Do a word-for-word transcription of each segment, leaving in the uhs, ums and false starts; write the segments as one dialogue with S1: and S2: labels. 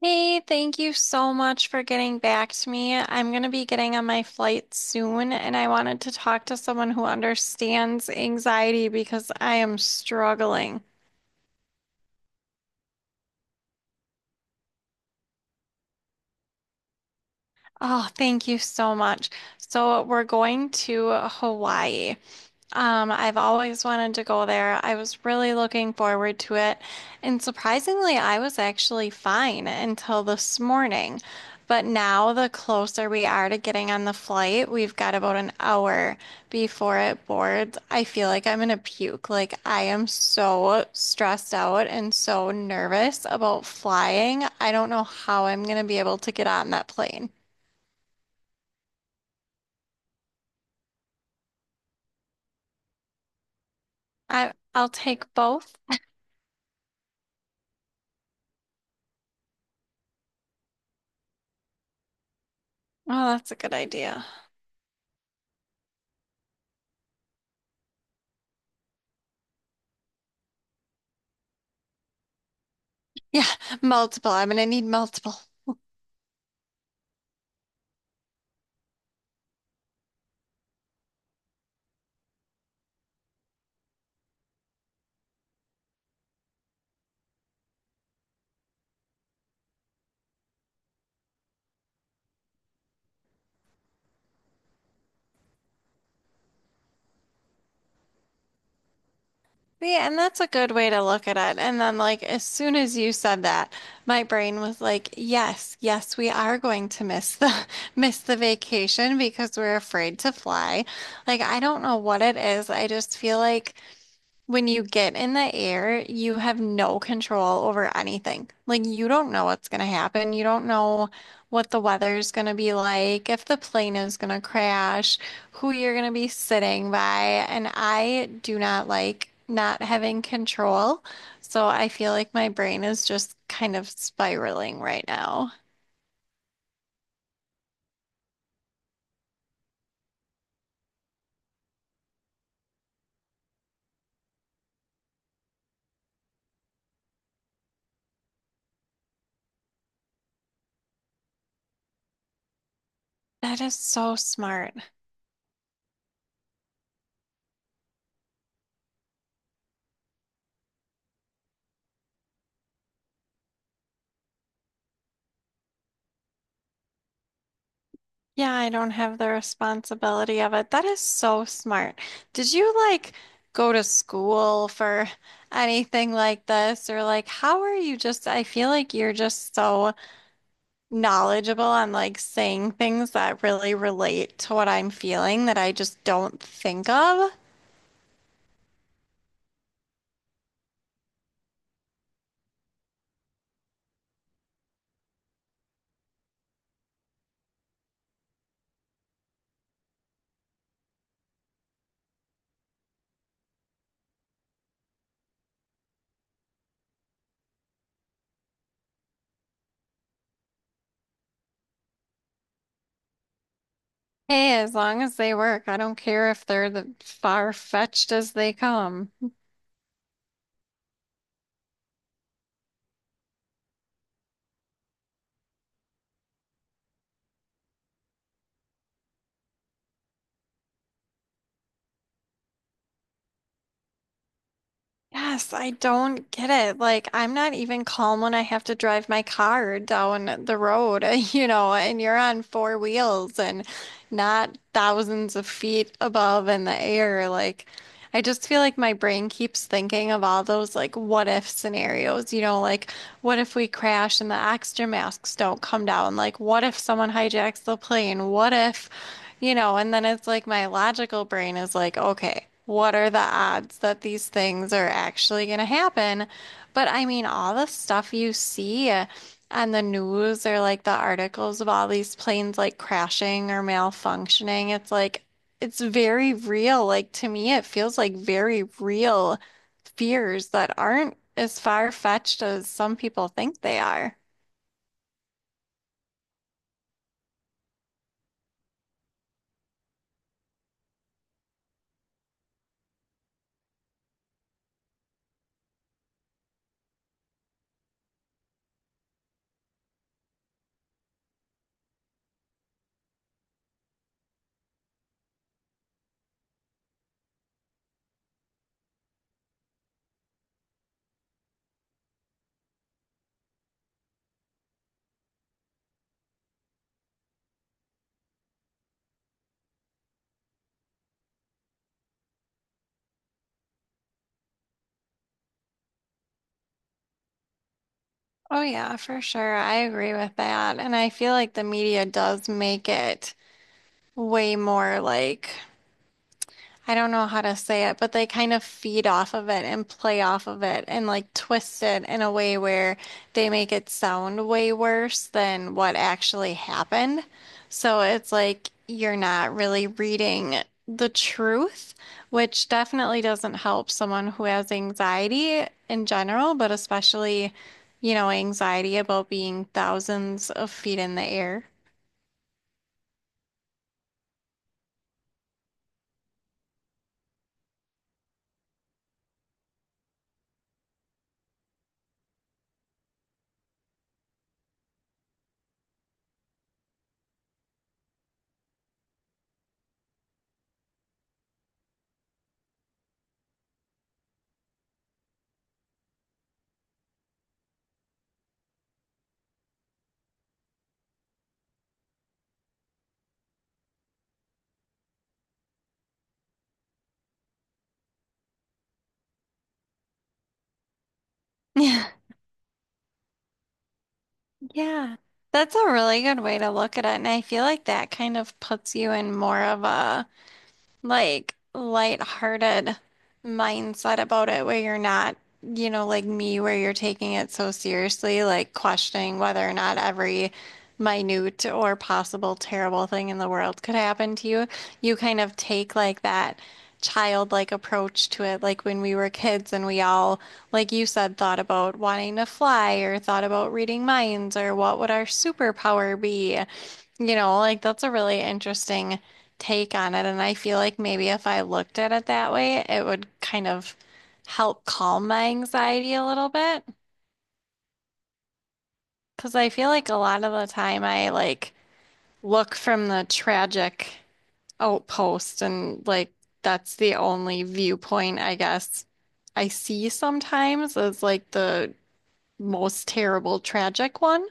S1: Hey, thank you so much for getting back to me. I'm going to be getting on my flight soon, and I wanted to talk to someone who understands anxiety because I am struggling. Oh, thank you so much. So, we're going to Hawaii. Um, I've always wanted to go there. I was really looking forward to it. And surprisingly, I was actually fine until this morning. But now, the closer we are to getting on the flight, we've got about an hour before it boards. I feel like I'm gonna puke. Like, I am so stressed out and so nervous about flying. I don't know how I'm gonna be able to get on that plane. I, I'll take both. Oh, that's a good idea. Yeah, multiple. I'm gonna need multiple. Yeah, and that's a good way to look at it. And then, like, as soon as you said that, my brain was like, yes, yes, we are going to miss the miss the vacation because we're afraid to fly. Like, I don't know what it is. I just feel like when you get in the air, you have no control over anything. Like, you don't know what's going to happen. You don't know what the weather's going to be like, if the plane is going to crash, who you're going to be sitting by. And I do not like not having control. So I feel like my brain is just kind of spiraling right now. That is so smart. Yeah, I don't have the responsibility of it. That is so smart. Did you like go to school for anything like this? Or like, how are you just, I feel like you're just so knowledgeable on like saying things that really relate to what I'm feeling that I just don't think of. Hey, as long as they work, I don't care if they're the far-fetched as they come. Yes, I don't get it. Like, I'm not even calm when I have to drive my car down the road, you know, and you're on four wheels and not thousands of feet above in the air. Like, I just feel like my brain keeps thinking of all those like what if scenarios, you know, like what if we crash and the oxygen masks don't come down? Like what if someone hijacks the plane? What if, you know, and then it's like my logical brain is like, okay, what are the odds that these things are actually going to happen? But I mean, all the stuff you see uh, on the news or like the articles of all these planes like crashing or malfunctioning, it's like it's very real. Like to me, it feels like very real fears that aren't as far-fetched as some people think they are. Oh yeah, for sure. I agree with that. And I feel like the media does make it way more like, I don't know how to say it, but they kind of feed off of it and play off of it and like twist it in a way where they make it sound way worse than what actually happened. So it's like you're not really reading the truth, which definitely doesn't help someone who has anxiety in general, but especially, you know, anxiety about being thousands of feet in the air. Yeah, that's a really good way to look at it. And I feel like that kind of puts you in more of a like lighthearted mindset about it where you're not, you know, like me, where you're taking it so seriously, like questioning whether or not every minute or possible terrible thing in the world could happen to you. You kind of take like that childlike approach to it, like when we were kids and we all, like you said, thought about wanting to fly or thought about reading minds or what would our superpower be. You know, like that's a really interesting take on it. And I feel like maybe if I looked at it that way, it would kind of help calm my anxiety a little bit. Because I feel like a lot of the time I like look from the tragic outpost and like that's the only viewpoint I guess I see sometimes is like the most terrible tragic one.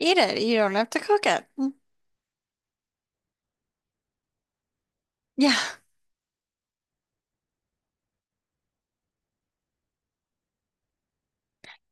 S1: Eat it. You don't have to cook it. Mm. Yeah.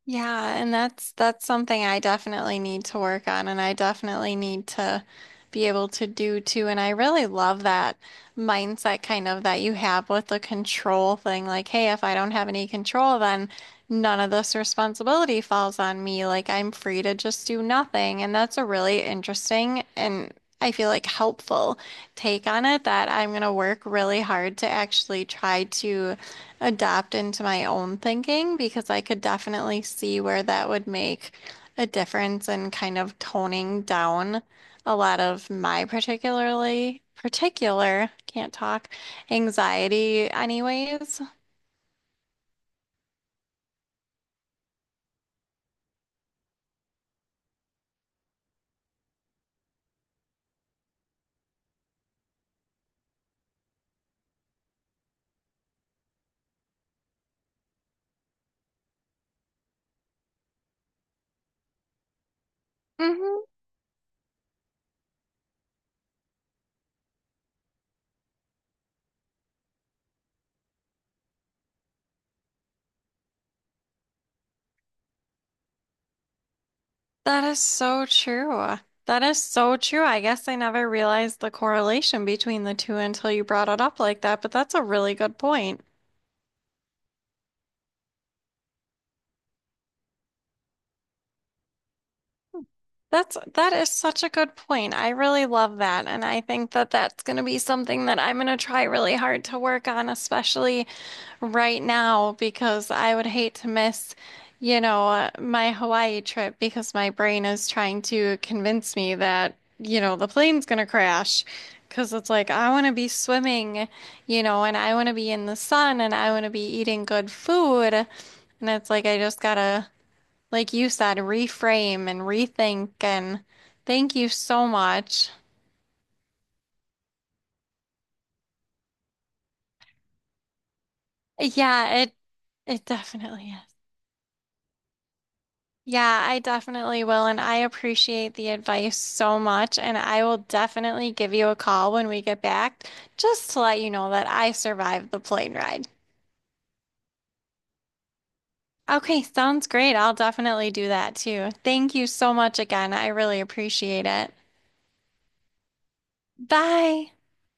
S1: Yeah, and that's that's something I definitely need to work on and I definitely need to be able to do too. And I really love that mindset kind of that you have with the control thing. Like, hey, if I don't have any control, then none of this responsibility falls on me. Like I'm free to just do nothing. And that's a really interesting and I feel like helpful take on it that I'm gonna work really hard to actually try to adapt into my own thinking because I could definitely see where that would make a difference in kind of toning down a lot of my particularly particular, can't talk, anxiety anyways. Hmm. That is so true. That is so true. I guess I never realized the correlation between the two until you brought it up like that, but that's a really good point. That's that is such a good point. I really love that, and I think that that's going to be something that I'm going to try really hard to work on, especially right now, because I would hate to miss, you know, uh, my Hawaii trip because my brain is trying to convince me that, you know, the plane's going to crash. Because it's like, I want to be swimming, you know, and I want to be in the sun and I want to be eating good food. And it's like, I just gotta like you said, reframe and rethink. And thank you so much. Yeah, it it definitely is. Yeah, I definitely will. And I appreciate the advice so much. And I will definitely give you a call when we get back just to let you know that I survived the plane ride. Okay, sounds great. I'll definitely do that too. Thank you so much again. I really appreciate it. Bye.